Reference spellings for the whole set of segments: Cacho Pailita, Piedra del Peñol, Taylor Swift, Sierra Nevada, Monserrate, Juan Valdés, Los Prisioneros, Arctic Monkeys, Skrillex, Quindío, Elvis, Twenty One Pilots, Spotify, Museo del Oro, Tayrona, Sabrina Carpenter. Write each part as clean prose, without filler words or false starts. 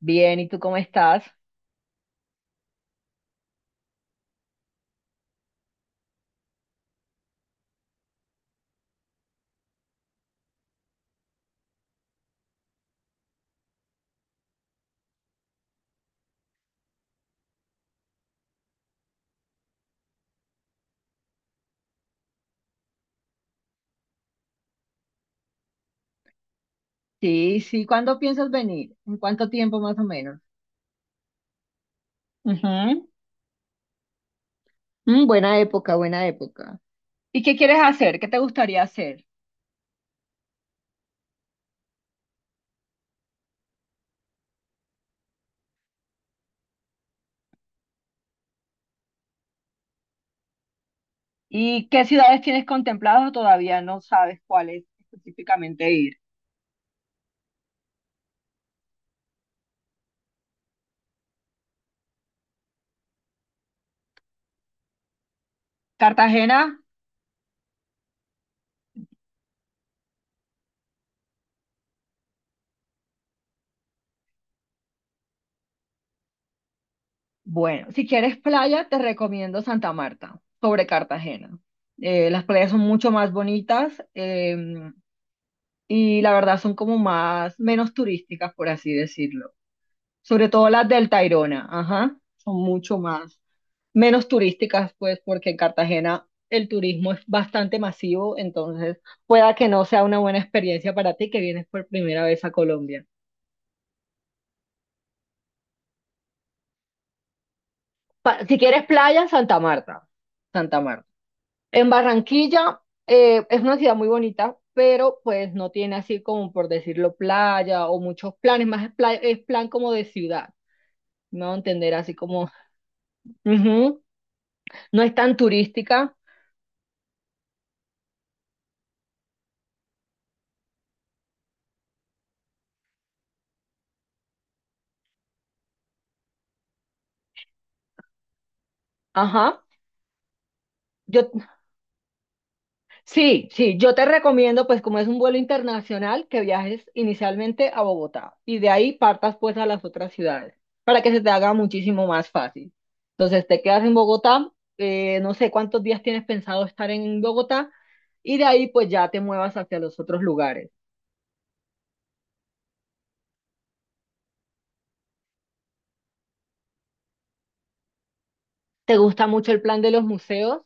Bien, ¿y tú cómo estás? Sí, sí, ¿cuándo piensas venir? ¿En cuánto tiempo más o menos? Ujú. Buena época, buena época. ¿Y qué quieres hacer? ¿Qué te gustaría hacer? ¿Y qué ciudades tienes contempladas o todavía no sabes cuáles específicamente ir? ¿Cartagena? Bueno, si quieres playa, te recomiendo Santa Marta sobre Cartagena. Las playas son mucho más bonitas, y la verdad son como más, menos turísticas, por así decirlo. Sobre todo las del Tayrona, ajá, son mucho más, menos turísticas, pues, porque en Cartagena el turismo es bastante masivo, entonces pueda que no sea una buena experiencia para ti que vienes por primera vez a Colombia. Si quieres playa, Santa Marta, Santa Marta. En Barranquilla, es una ciudad muy bonita, pero pues no tiene así como por decirlo playa o muchos planes, más es, es plan como de ciudad, ¿no? Entender así como, ujú, no es tan turística. Ajá. Yo, sí, sí, yo te recomiendo, pues como es un vuelo internacional, que viajes inicialmente a Bogotá y de ahí partas pues a las otras ciudades para que se te haga muchísimo más fácil. Entonces te quedas en Bogotá. No sé cuántos días tienes pensado estar en Bogotá y de ahí pues ya te muevas hacia los otros lugares. ¿Te gusta mucho el plan de los museos?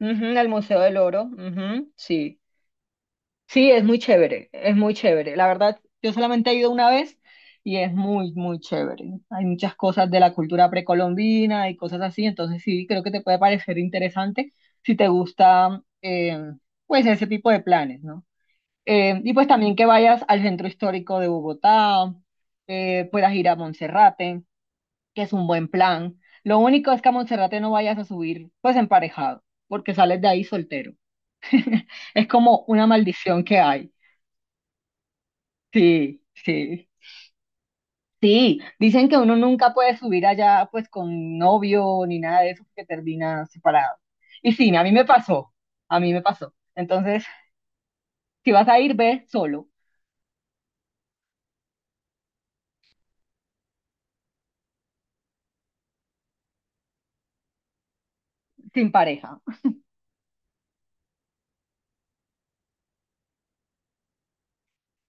Ujú, el Museo del Oro, ujú, sí. Sí, es muy chévere, es muy chévere. La verdad, yo solamente he ido una vez y es muy, muy chévere. Hay muchas cosas de la cultura precolombina y cosas así, entonces sí, creo que te puede parecer interesante si te gusta, pues, ese tipo de planes, ¿no? Y pues también que vayas al centro histórico de Bogotá, puedas ir a Monserrate, que es un buen plan. Lo único es que a Monserrate no vayas a subir, pues, emparejado, porque sales de ahí soltero. Es como una maldición que hay. Sí, sí, sí. Dicen que uno nunca puede subir allá pues con novio ni nada de eso porque termina separado. Y sí, a mí me pasó, a mí me pasó. Entonces, si vas a ir, ve solo, sin pareja.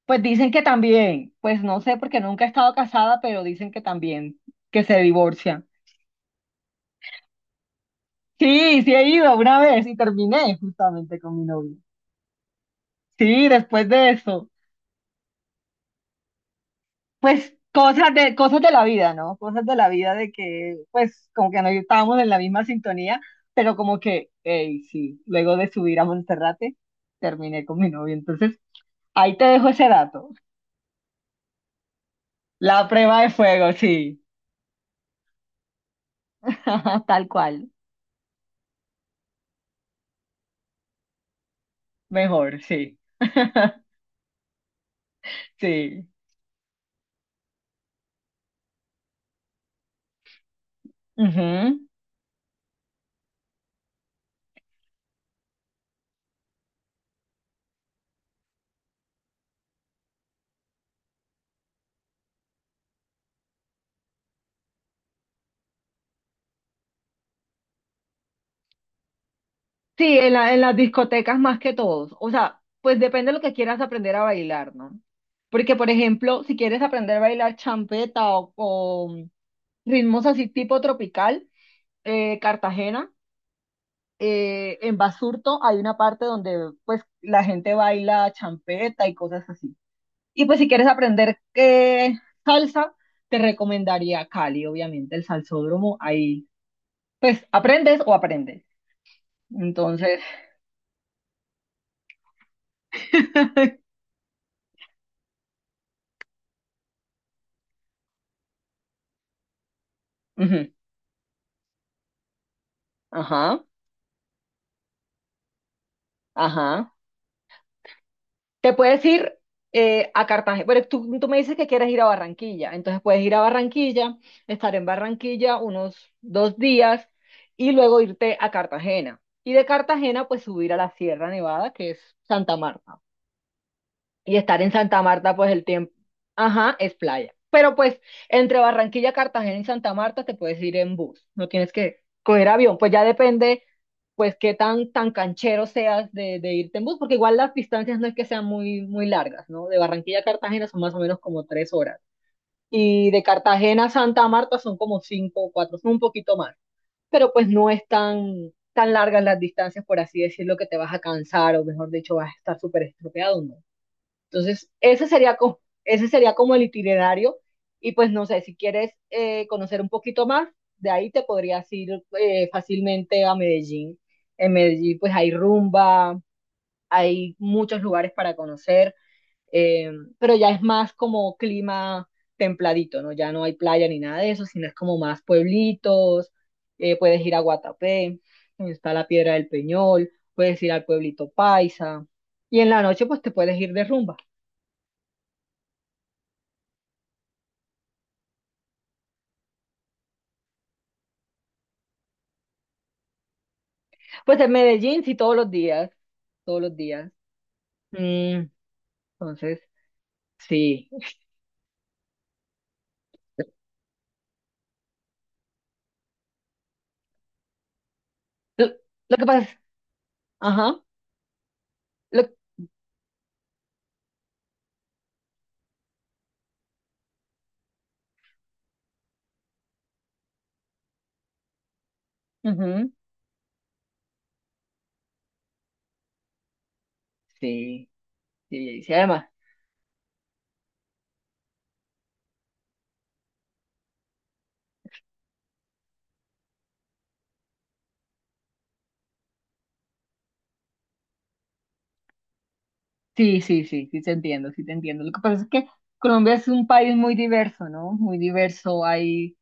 Pues dicen que también, pues no sé porque nunca he estado casada, pero dicen que también, que se divorcian. Sí, sí he ido una vez y terminé justamente con mi novio. Sí, después de eso. Pues cosas de la vida, ¿no? Cosas de la vida de que, pues, como que no estábamos en la misma sintonía, pero como que, hey, sí, luego de subir a Monserrate, terminé con mi novio. Entonces, ahí te dejo ese dato. La prueba de fuego, sí. Tal cual. Mejor, sí. Sí. Ujú. Sí, en las discotecas más que todos. O sea, pues depende de lo que quieras aprender a bailar, ¿no? Porque, por ejemplo, si quieres aprender a bailar champeta o ritmos así tipo tropical, Cartagena. En Basurto hay una parte donde pues la gente baila champeta y cosas así. Y pues si quieres aprender, salsa, te recomendaría Cali, obviamente, el salsódromo. Ahí pues aprendes o aprendes. Entonces, ujú, ajá, ajá. Te puedes ir a Cartagena, pero tú me dices que quieres ir a Barranquilla, entonces puedes ir a Barranquilla, estar en Barranquilla unos 2 días y luego irte a Cartagena. Y de Cartagena, pues subir a la Sierra Nevada, que es Santa Marta. Y estar en Santa Marta, pues el tiempo, ajá, es playa. Pero pues entre Barranquilla, Cartagena y Santa Marta te puedes ir en bus, no tienes que coger avión, pues ya depende, pues qué tan canchero seas de irte en bus, porque igual las distancias no es que sean muy, muy largas, ¿no? De Barranquilla a Cartagena son más o menos como 3 horas. Y de Cartagena a Santa Marta son como cinco o cuatro, son un poquito más. Pero pues no es tan largas las distancias, por así decirlo, que te vas a cansar o mejor dicho, vas a estar súper estropeado, no. Entonces, ese sería como el itinerario. Y pues no sé, si quieres, conocer un poquito más, de ahí te podrías ir fácilmente a Medellín. En Medellín pues hay rumba, hay muchos lugares para conocer, eh, pero ya es más como clima templadito, ¿no? Ya no hay playa ni nada de eso, sino es como más pueblitos, puedes ir a Guatapé, donde está la Piedra del Peñol, puedes ir al pueblito Paisa, y en la noche pues te puedes ir de rumba. Pues en Medellín sí todos los días, todos los días. Mm, entonces, sí. Lo, lo que pasa es, ajá, lo, ujú, sí, sí, sí, además, sí, sí, sí, sí te entiendo, sí te entiendo. Lo que pasa es que Colombia es un país muy diverso, ¿no? Muy diverso. Ahí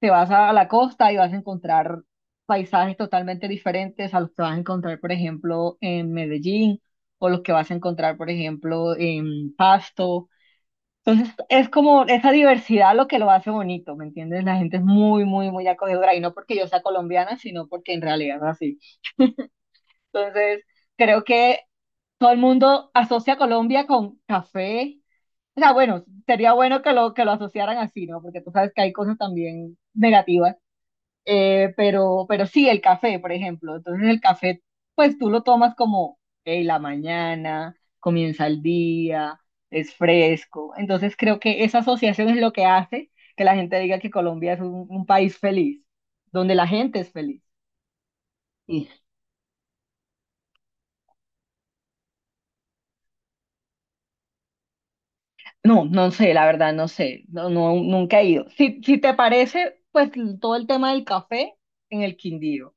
te vas a la costa y vas a encontrar paisajes totalmente diferentes a los que vas a encontrar, por ejemplo, en Medellín o los que vas a encontrar, por ejemplo, en Pasto. Entonces, es como esa diversidad lo que lo hace bonito, ¿me entiendes? La gente es muy, muy, muy acogedora y no porque yo sea colombiana, sino porque en realidad es así. Entonces, creo que todo el mundo asocia Colombia con café. O sea, bueno, sería bueno que que lo asociaran así, ¿no? Porque tú sabes que hay cosas también negativas, pero sí, el café, por ejemplo. Entonces el café, pues tú lo tomas como, hey, la mañana, comienza el día, es fresco. Entonces creo que esa asociación es lo que hace que la gente diga que Colombia es un país feliz, donde la gente es feliz. Sí. No, no sé, la verdad, no sé. No, no, nunca he ido. Si te parece, pues todo el tema del café en el Quindío.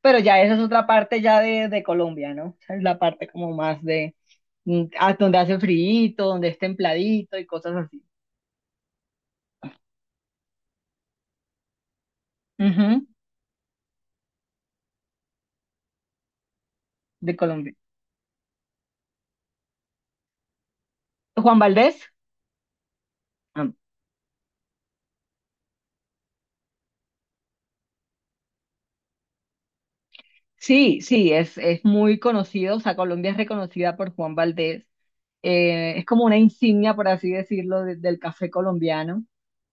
Pero ya esa es otra parte ya de Colombia, ¿no? Esa es la parte como más de, donde hace frío, donde es templadito y cosas así. Ujú, de Colombia. Juan Valdés. Ah, sí, sí, es muy conocido, o sea, Colombia es reconocida por Juan Valdés. Es como una insignia, por así decirlo, del café colombiano.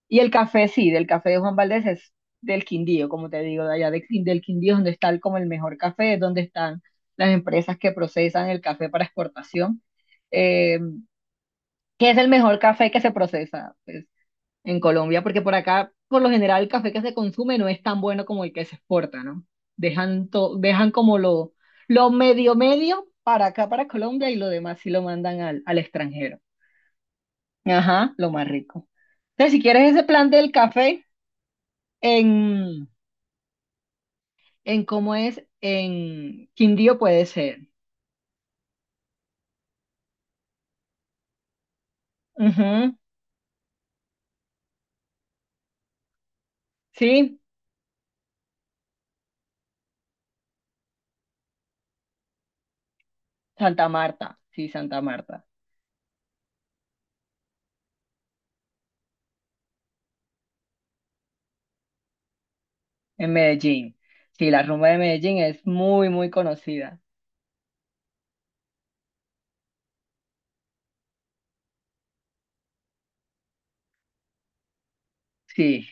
Y el café, sí, del café de Juan Valdés es del Quindío, como te digo, de allá del Quindío, es donde está como el mejor café, es donde están las empresas que procesan el café para exportación. Eh, ¿Qué es el mejor café que se procesa, pues, en Colombia? Porque por acá, por lo general, el café que se consume no es tan bueno como el que se exporta, ¿no? Dejan como lo medio medio para acá, para Colombia, y lo demás sí lo mandan al extranjero. Ajá, lo más rico. Entonces, si quieres ese plan del café. En, en cómo es, en Quindío puede ser. Ujú, sí, Santa Marta, sí, Santa Marta, en Medellín. Sí, la rumba de Medellín es muy, muy conocida. Sí,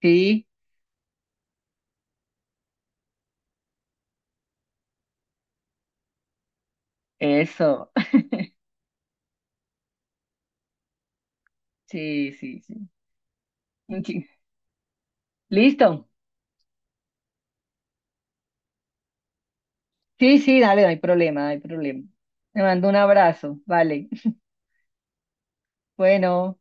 sí, eso. Sí, sí, sí. Sí. Listo. Sí, sí, dale, no hay problema, no hay problema. Te mando un abrazo, vale. Bueno.